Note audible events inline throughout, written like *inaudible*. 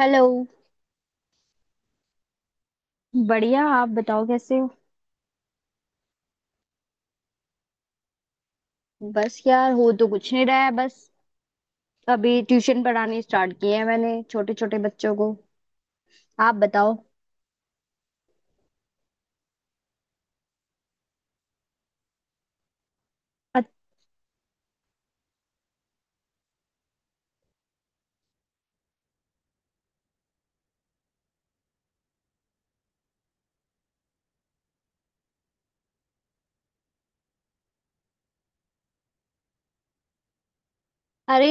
Hello. बढ़िया। आप बताओ कैसे हो। बस यार, हो तो कुछ नहीं रहा है, बस। अभी ट्यूशन पढ़ानी स्टार्ट किए हैं मैंने, छोटे छोटे बच्चों को। आप बताओ। अ- अरे,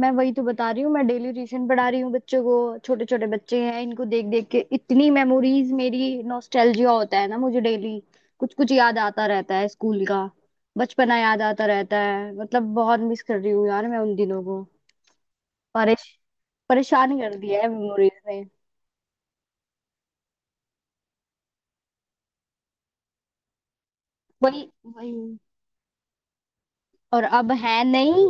मैं वही तो बता रही हूँ, मैं डेली ट्यूशन पढ़ा रही हूँ बच्चों को, छोटे छोटे बच्चे हैं, इनको देख देख के इतनी मेमोरीज, मेरी नॉस्टैल्जिया होता है ना मुझे डेली। कुछ कुछ याद आता रहता है स्कूल का। बचपना याद आता रहता है, मतलब बहुत मिस कर रही हूँ यार, मैं उन दिनों को। परेश परेशान कर दिया है मेमोरीज ने। वही वही। और अब है नहीं।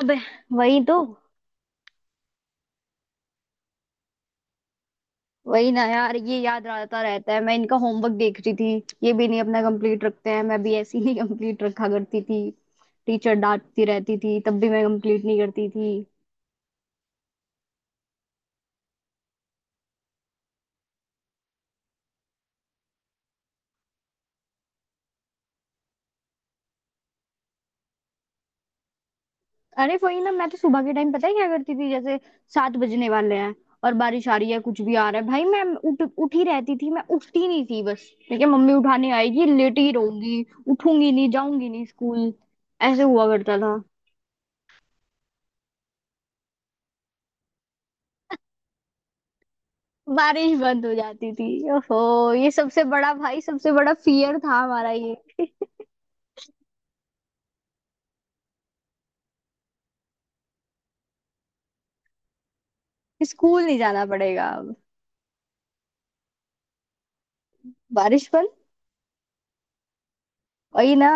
अब। वही तो। वही ना यार, ये याद आता रहता है, मैं इनका होमवर्क देख रही थी, ये भी नहीं अपना कंप्लीट रखते हैं, मैं भी ऐसी नहीं कंप्लीट *laughs* रखा करती थी। टीचर डांटती रहती थी, तब भी मैं कंप्लीट नहीं करती थी। अरे वही ना, मैं तो सुबह के टाइम पता है क्या करती थी, जैसे सात बजने वाले हैं और बारिश आ रही है, कुछ भी आ रहा है, भाई मैं उठ उठी रहती थी, मैं उठती नहीं थी बस। ठीक है मम्मी उठाने आएगी, लेटी ही रहूंगी, उठूंगी नहीं, जाऊंगी नहीं स्कूल। ऐसे हुआ करता था। बारिश बंद हो जाती थी। ओहो। ये सबसे बड़ा भाई, सबसे बड़ा फियर था हमारा, ये कि स्कूल नहीं जाना पड़ेगा अब। बारिश बंद। वही ना।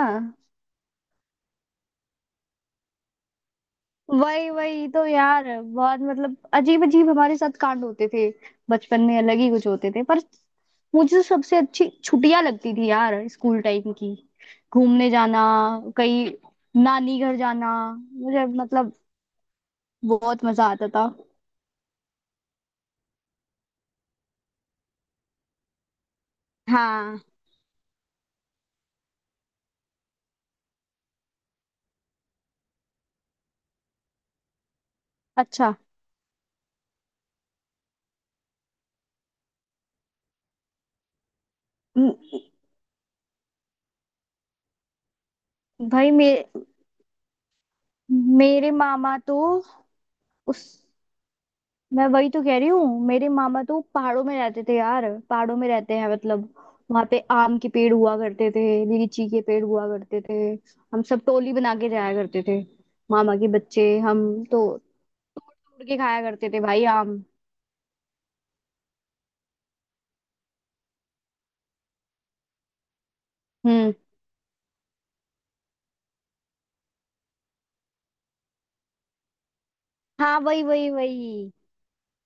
वही वही तो यार, बहुत मतलब अजीब अजीब हमारे साथ कांड होते थे। बचपन में अलग ही कुछ होते थे, पर मुझे तो सबसे अच्छी छुट्टियां लगती थी यार, स्कूल टाइम की। घूमने जाना कहीं, नानी घर जाना, मुझे मतलब बहुत मजा आता था। हाँ। अच्छा। म- भाई मे मेरे मामा तो उस मैं वही तो कह रही हूँ, मेरे मामा तो पहाड़ों में रहते थे यार। पहाड़ों में रहते हैं मतलब। वहां पे आम के पेड़ हुआ करते थे। लीची के पेड़ हुआ करते थे। हम सब टोली बना के जाया करते थे, मामा के बच्चे हम। तो तोड़ तोड़ के खाया करते थे भाई आम। हम्म। हाँ वही वही वही।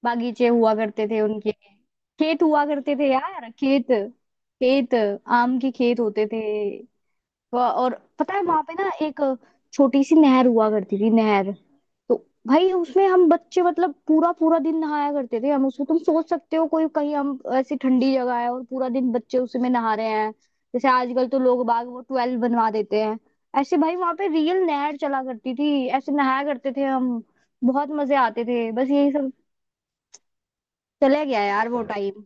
बागीचे हुआ करते थे उनके। खेत हुआ करते थे यार, खेत। खेत। आम के खेत होते थे। और पता है वहां पे ना एक छोटी सी नहर हुआ करती थी, नहर। तो भाई उसमें हम बच्चे मतलब पूरा पूरा दिन नहाया करते थे हम उसमें, तुम सोच सकते हो, कोई कहीं हम ऐसी ठंडी जगह है और पूरा दिन बच्चे उसी में नहा रहे हैं। जैसे आजकल तो लोग बाग वो ट्वेल्व बनवा देते हैं, ऐसे भाई वहां पे रियल नहर चला करती थी, ऐसे नहाया करते थे हम। बहुत मजे आते थे, बस यही सब। चला गया यार वो टाइम।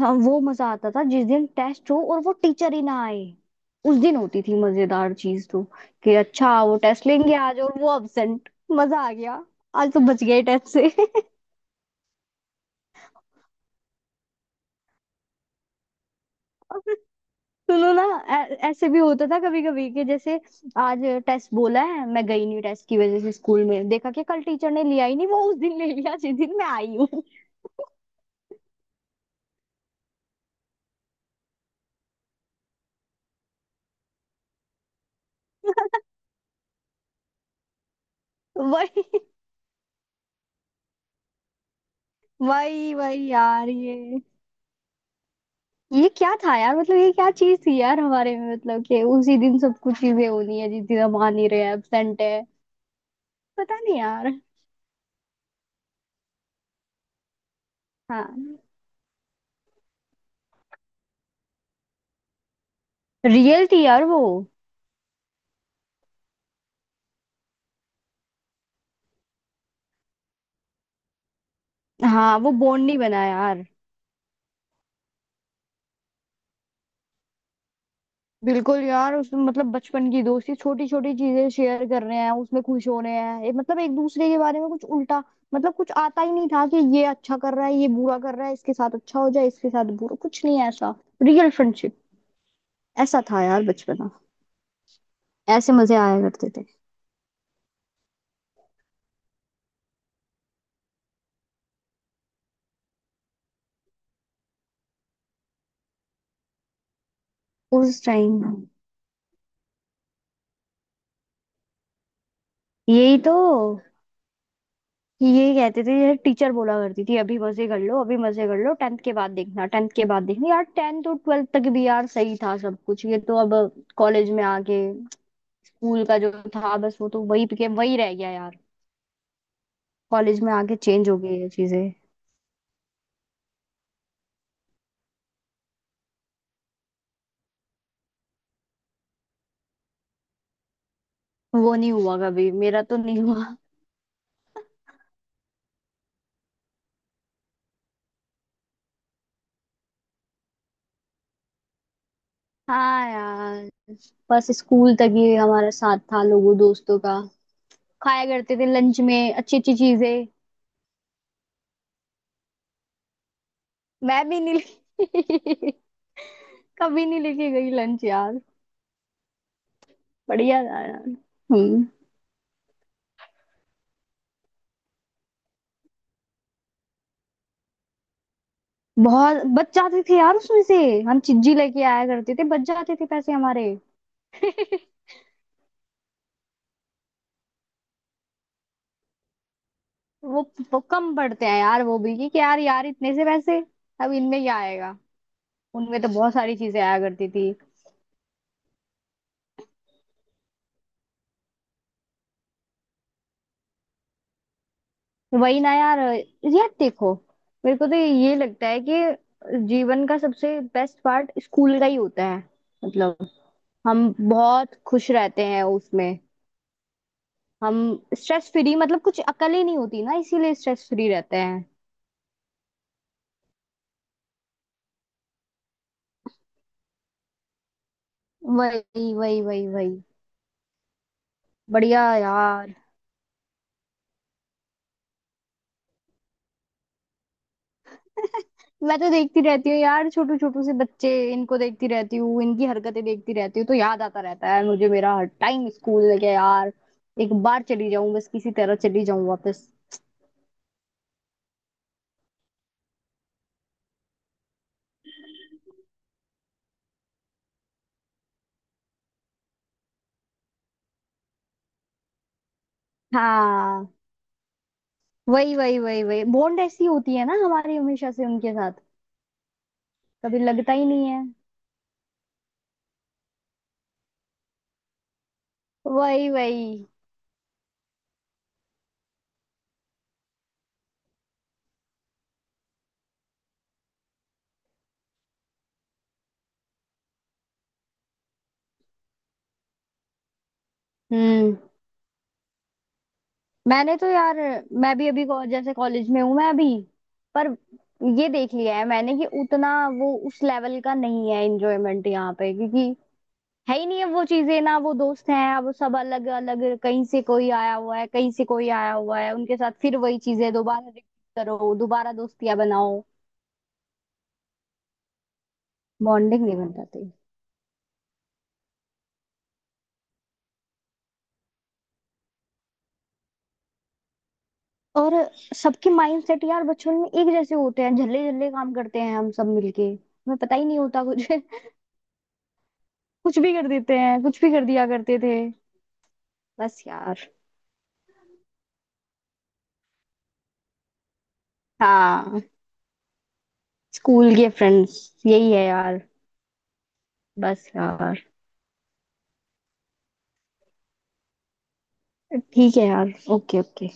हाँ वो मजा आता था जिस दिन टेस्ट हो और वो टीचर ही ना आए। उस दिन होती थी मजेदार चीज तो, कि अच्छा वो टेस्ट लेंगे आज, और वो अब्सेंट। मजा आ गया। आज तो बच गए टेस्ट से *laughs* सुनो ना। ऐसे भी होता था कभी कभी कि जैसे आज टेस्ट बोला है, मैं गई नहीं टेस्ट की वजह से, स्कूल में देखा कि कल टीचर ने लिया ही नहीं, वो उस दिन ले लिया जिस दिन मैं आई हूँ *laughs* वही वही वही यार ये। ये क्या था यार, मतलब ये क्या चीज थी यार हमारे में, मतलब कि उसी दिन सब कुछ चीजें होनी है जिस दिन हम आ नहीं रहे, एब्सेंट है। पता नहीं यार। हाँ। रियल थी यार वो। हाँ वो बॉन्ड नहीं बना यार। बिल्कुल यार, उसमें मतलब बचपन की दोस्ती, छोटी छोटी चीजें शेयर कर रहे हैं उसमें, खुश हो रहे हैं, ये मतलब एक दूसरे के बारे में कुछ उल्टा मतलब कुछ आता ही नहीं था, कि ये अच्छा कर रहा है ये बुरा कर रहा है, इसके साथ अच्छा हो जाए इसके साथ बुरा, कुछ नहीं है ऐसा। Real friendship. ऐसा था यार बचपना। ऐसे मजे आया करते थे। उस टाइम। यही तो। यही कहते थे यार, टीचर बोला करती थी अभी मजे कर लो अभी मजे कर लो, टेंथ के बाद देखना, टेंथ के बाद देखना यार, टेंथ और ट्वेल्थ तक भी यार सही था सब कुछ, ये तो अब कॉलेज में आके स्कूल का जो था बस, वो तो वही के वही रह गया यार। कॉलेज में आके चेंज हो गई ये चीजें। वो नहीं हुआ कभी, मेरा तो नहीं हुआ। हाँ यार। बस स्कूल तक ही हमारा साथ था लोगों दोस्तों का। खाया करते थे लंच में अच्छी अच्छी चीजें। मैं भी नहीं *laughs* कभी नहीं लेके गई लंच यार। बढ़िया था यार। हम्म। बहुत बच जाते थे यार उसमें से। हम चिज्जी लेके आया करते थे, बच जाते थे पैसे हमारे *laughs* वो, वो कम पड़ते हैं यार, वो भी कि यार यार इतने से पैसे अब इनमें क्या आएगा। उनमें तो बहुत सारी चीजें आया करती थी। वही ना यार। यार देखो, मेरे को तो ये लगता है कि जीवन का सबसे बेस्ट पार्ट स्कूल का ही होता है। मतलब हम बहुत खुश रहते हैं उसमें। हम स्ट्रेस फ्री, मतलब कुछ अकल ही नहीं होती ना, इसीलिए स्ट्रेस फ्री रहते हैं। वही वही वही वही। बढ़िया यार। मैं तो देखती रहती हूँ यार, छोटू छोटू से बच्चे, इनको देखती रहती हूँ, इनकी हरकतें देखती रहती हूँ तो याद आता रहता है यार मुझे, मेरा हर टाइम स्कूल लगे यार। एक बार चली जाऊं बस किसी तरह, चली जाऊं वापस। हाँ वही वही वही वही, बॉन्ड ऐसी होती है ना हमारी हमेशा से उनके साथ। कभी लगता ही नहीं है। वही वही। हम्म। मैंने तो यार, मैं भी अभी जैसे कॉलेज में हूँ मैं अभी, पर ये देख लिया है मैंने कि उतना वो उस लेवल का नहीं है एंजॉयमेंट यहाँ पे, क्योंकि है ही नहीं है वो चीजें ना, वो दोस्त हैं अब, सब अलग अलग, कहीं से कोई आया हुआ है कहीं से कोई आया हुआ है, उनके साथ फिर वही चीजें दोबारा रिपीट करो, दोबारा दोस्तियां बनाओ। बॉन्डिंग नहीं बन पाती। और सबके माइंडसेट यार बचपन में एक जैसे होते हैं, झल्ले झल्ले काम करते हैं हम सब मिलके, हमें पता ही नहीं होता कुछ *laughs* कुछ भी कर देते हैं, कुछ भी कर दिया करते थे। बस यार। हाँ। स्कूल के फ्रेंड्स। यही है यार। बस यार। ठीक है यार, ओके ओके।